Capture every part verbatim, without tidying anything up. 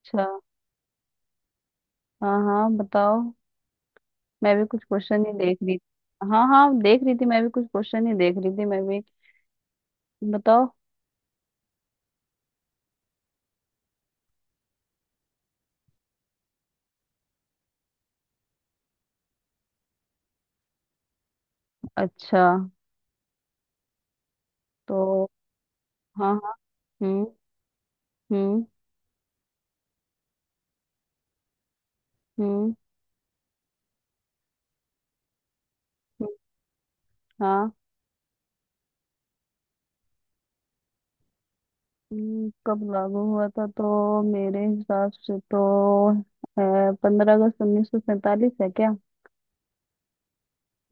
अच्छा। हाँ, हाँ, बताओ। मैं भी कुछ क्वेश्चन ही देख रही थी। हाँ, हाँ, देख रही थी, मैं भी कुछ क्वेश्चन ही देख रही थी मैं भी। बताओ। अच्छा। तो हाँ, हाँ। हम्म। हम्म। हम्म। हम्म, हाँ हम्म, कब लागू हुआ था तो मेरे हिसाब से तो पंद्रह अगस्त उन्नीस सौ सैतालीस है क्या।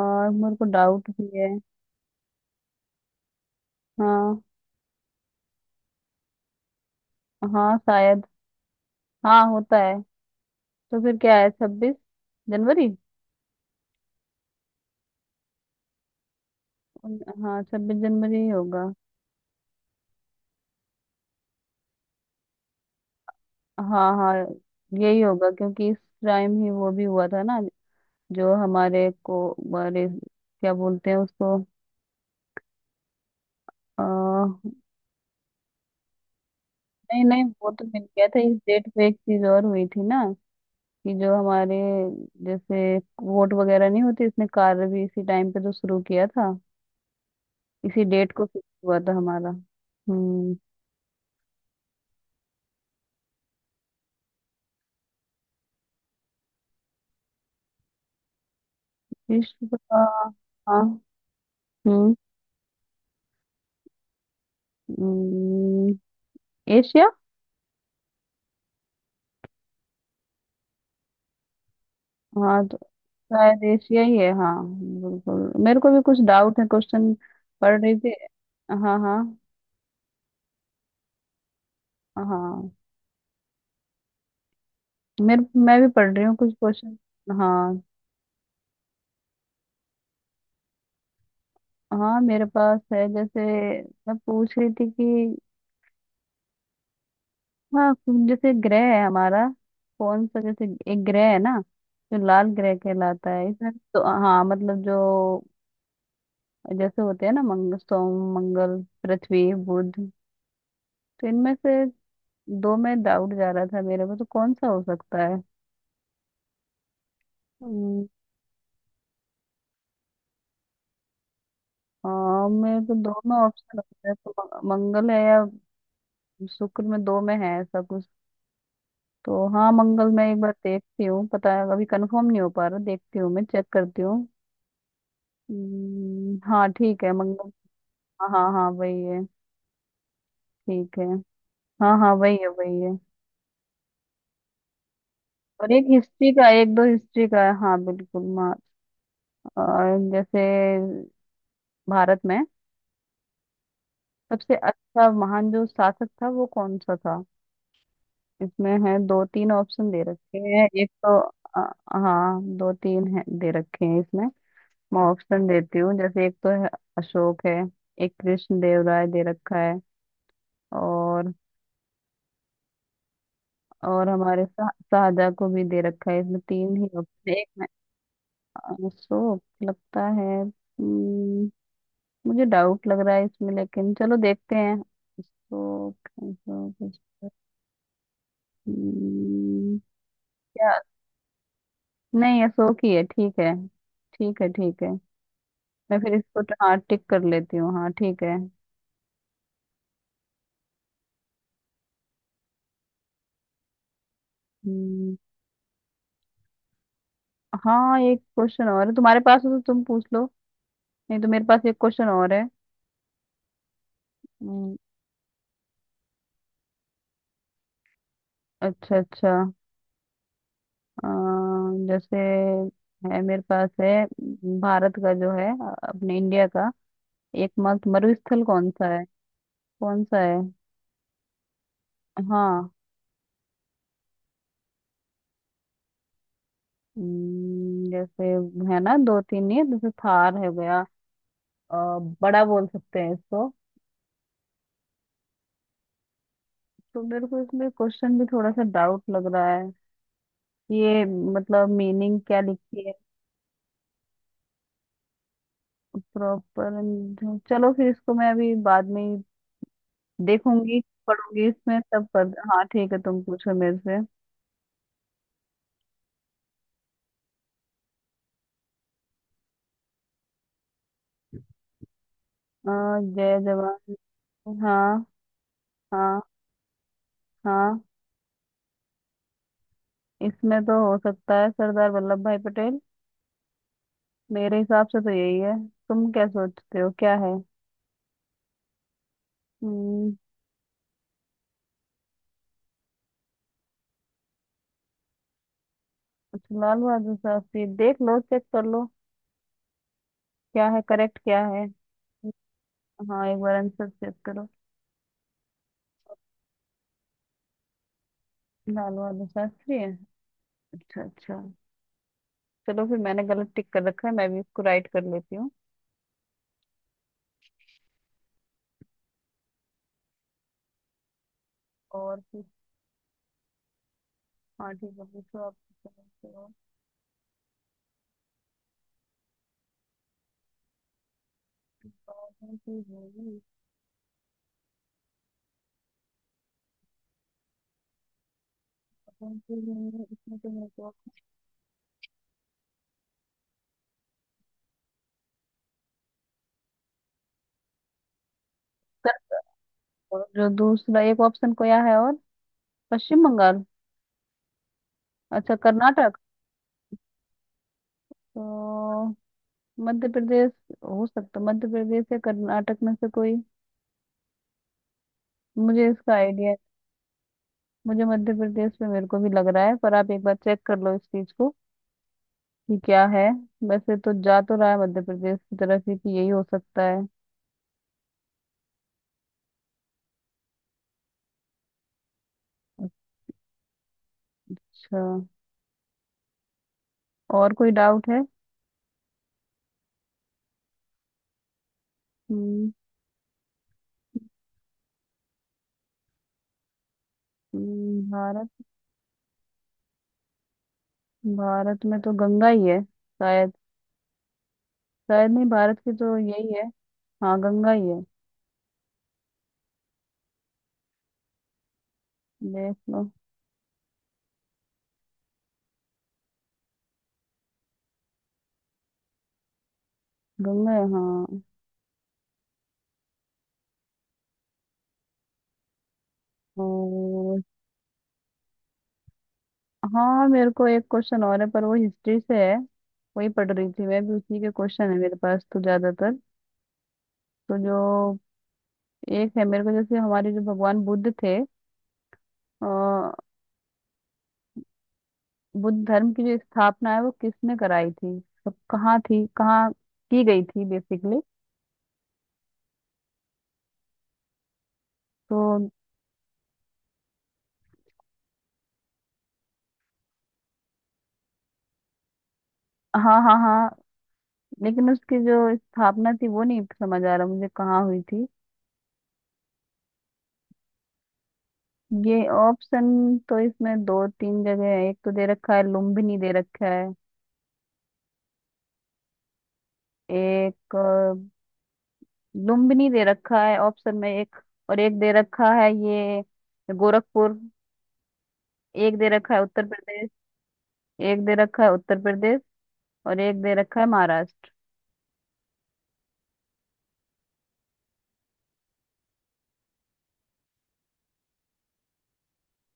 और मेरे को डाउट भी है। हाँ। हाँ शायद। हाँ होता है। तो फिर क्या है? छब्बीस जनवरी। उन- हाँ छब्बीस जनवरी ही होगा। हाँ, हाँ, यही होगा क्योंकि इस टाइम ही वो भी हुआ था ना। जो हमारे को, हमारे क्या बोलते हैं उसको? आ, नहीं। नहीं, वो तो मिल गया था इस डेट पे एक चीज और हुई थी ना। कि जो हमारे जैसे वोट वगैरह नहीं होती, इसने कार्य भी इसी टाइम पे तो शुरू किया था। इसी डेट को फिक्स हुआ था हमारा। हम्म। विश्व का। हाँ। हम्म। हम्म, एशिया। हाँ तो शायद एशिया ही है हाँ। बिल्कुल मेरे को भी कुछ डाउट है क्वेश्चन पढ़ रही थी। हाँ, हाँ। हाँ, मेरे, मैं भी पढ़ रही हूँ कुछ क्वेश्चन। हाँ। हाँ मेरे पास है जैसे मैं पूछ रही थी कि हाँ जैसे ग्रह है हमारा कौन सा, जैसे एक ग्रह है ना जो लाल ग्रह कहलाता है। इसमें तो हाँ मतलब जो जैसे होते हैं ना, मंगल सोम मंगल पृथ्वी बुध तो इनमें से दो में डाउट जा रहा था मेरे को तो कौन सा हो सकता है। हम्म, हाँ मेरे को दोनों ऑप्शन लगते हैं तो म- मंगल है या शुक्र में दो में है ऐसा कुछ। तो हाँ मंगल मैं एक बार देखती हूँ, पता है अभी कंफर्म नहीं हो पा रहा, देखती हूँ मैं चेक करती हूँ। हम्म, हाँ ठीक है मंगल। हाँ, हाँ, हाँ, वही है। ठीक है। हाँ, हाँ, वही है वही है। और एक हिस्ट्री का एक दो हिस्ट्री का है, हाँ बिल्कुल मा- और जैसे भारत में सबसे अच्छा महान जो शासक था वो कौन सा था। इसमें है दो तीन ऑप्शन दे रखे हैं एक तो अ, हाँ दो तीन है दे रखे हैं इसमें। मैं ऑप्शन देती हूँ जैसे एक तो है अशोक है, एक कृष्ण देव राय दे रखा है, और और हमारे शाह- शाहजहाँ को भी दे रखा है इसमें, तीन ही ऑप्शन एक में। अशोक लगता है। हम्म, मुझे डाउट लग रहा है इसमें, लेकिन चलो देखते हैं। अशोक अशोक अशोक। हम्म, क्या? नहीं अशोक ही है ठीक है। ठीक है ठीक है। मैं फिर इसको ट- हाँ टिक कर लेती हूँ। हाँ ठीक है। हम्म, हाँ एक क्वेश्चन और है तुम्हारे पास हो तो तुम पूछ लो, नहीं तो मेरे पास एक क्वेश्चन और है। हम्म। अच्छा, अच्छा। अम, जैसे है मेरे पास है अम, भारत का जो है अ, अपने इंडिया का एकमात्र मरुस्थल कौन सा है? कौन सा है? हाँ। हम्म, जैसे है ना दो तीन ही है, जैसे थार हो गया अ, बड़ा बोल सकते हैं इसको। तो मेरे को इसमें क्वेश्चन भी थोड़ा सा डाउट लग रहा है। ये मतलब मीनिंग क्या लिखी है। प्रॉपर चलो फिर इसको मैं अभी बाद में ही देखूंगी, पढ़ूंगी इसमें तब कर। हाँ ठीक है तुम पूछो मेरे से। अ, जय जवान। हाँ। हाँ। हाँ इसमें तो हो सकता है सरदार वल्लभ भाई पटेल। मेरे हिसाब से तो यही है। तुम क्या सोचते हो क्या है? हम्म। अच्छा, लाल बहादुर शास्त्री, देख लो चेक कर लो क्या है, करेक्ट क्या है। हाँ एक बार आंसर चेक करो। लाल बहादुर शास्त्री है। अच्छा, अच्छा। चलो फिर मैंने गलत टिक कर रखा है, मैं भी इसको राइट कर लेती हूँ। और फिर हाँ ठीक है पूछो आप। और जो दूसरा एक ऑप्शन को है और पश्चिम बंगाल। अच्छा कर्नाटक। तो मध्य प्रदेश, हो सकता मध्य प्रदेश या कर्नाटक में से कोई। मुझे इसका आइडिया है। मुझे मध्य प्रदेश में, मेरे को भी लग रहा है, पर आप एक बार चेक कर लो इस चीज को कि क्या है। वैसे तो जा तो रहा है मध्य प्रदेश की तरफ ही कि यही हो सकता है। अच्छा और कोई डाउट है? हम्म। हम्म, भारत। भारत में तो गंगा ही है शायद, शायद नहीं भारत की तो यही है। हाँ गंगा ही है। देख लो। गंगा है हाँ। और हाँ मेरे को एक क्वेश्चन और है पर वो हिस्ट्री से है। वही पढ़ रही थी मैं भी, उसी के क्वेश्चन है मेरे पास तो ज्यादातर। तो जो एक है मेरे को जैसे हमारे जो भगवान बुद्ध थे अ, बुद्ध धर्म की जो स्थापना है वो किसने कराई थी, तो कहाँ थी कहाँ की गई थी बेसिकली। तो हाँ, हाँ, हाँ, लेकिन उसकी जो स्थापना थी वो नहीं समझ आ रहा मुझे कहाँ हुई थी। ये ऑप्शन तो इसमें दो तीन जगह है, एक तो दे रखा है लुम्बिनी दे रखा है, एक अ, लुम्बिनी दे रखा है ऑप्शन में एक और, एक दे रखा है ये गोरखपुर, एक दे रखा है उत्तर प्रदेश, एक दे रखा है उत्तर प्रदेश और एक दे रखा है महाराष्ट्र।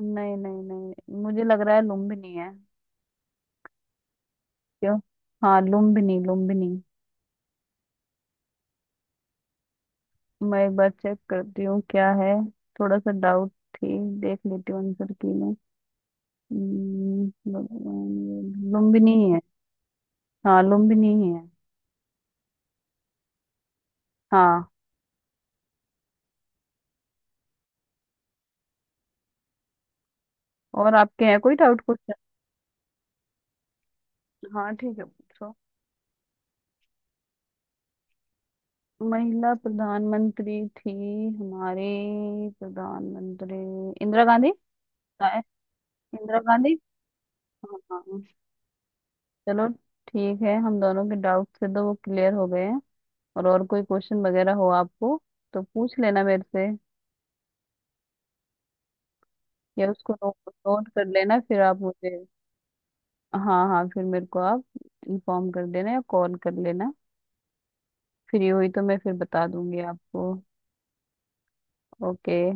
नहीं, नहीं, नहीं, मुझे लग रहा है लुम्बिनी है। क्यों? हाँ लुम्बिनी लुम्बिनी। मैं एक बार चेक करती हूँ क्या है, थोड़ा सा डाउट थी, देख लेती हूँ आंसर की मैं। हम्म, भगवान- लुम्बिनी ही है। हाँ लुम्बिनी ही है। हाँ और आपके हैं कोई डाउट क्वेश्चन? हाँ ठीक है पूछो। महिला प्रधानमंत्री थी हमारे प्रधानमंत्री इंदिरा गांधी। हाँ, इंदिरा गांधी। हाँ, हाँ। चलो ठीक है, हम दोनों के डाउट से तो वो क्लियर हो गए हैं। और और कोई क्वेश्चन वगैरह हो आपको तो पूछ लेना मेरे से, या उसको नोट नोट कर लेना फिर आप मुझे। हाँ, हाँ, फिर मेरे को आप इन्फॉर्म कर देना या कॉल कर लेना, फ्री हुई तो मैं फिर बता दूंगी आपको। ओके।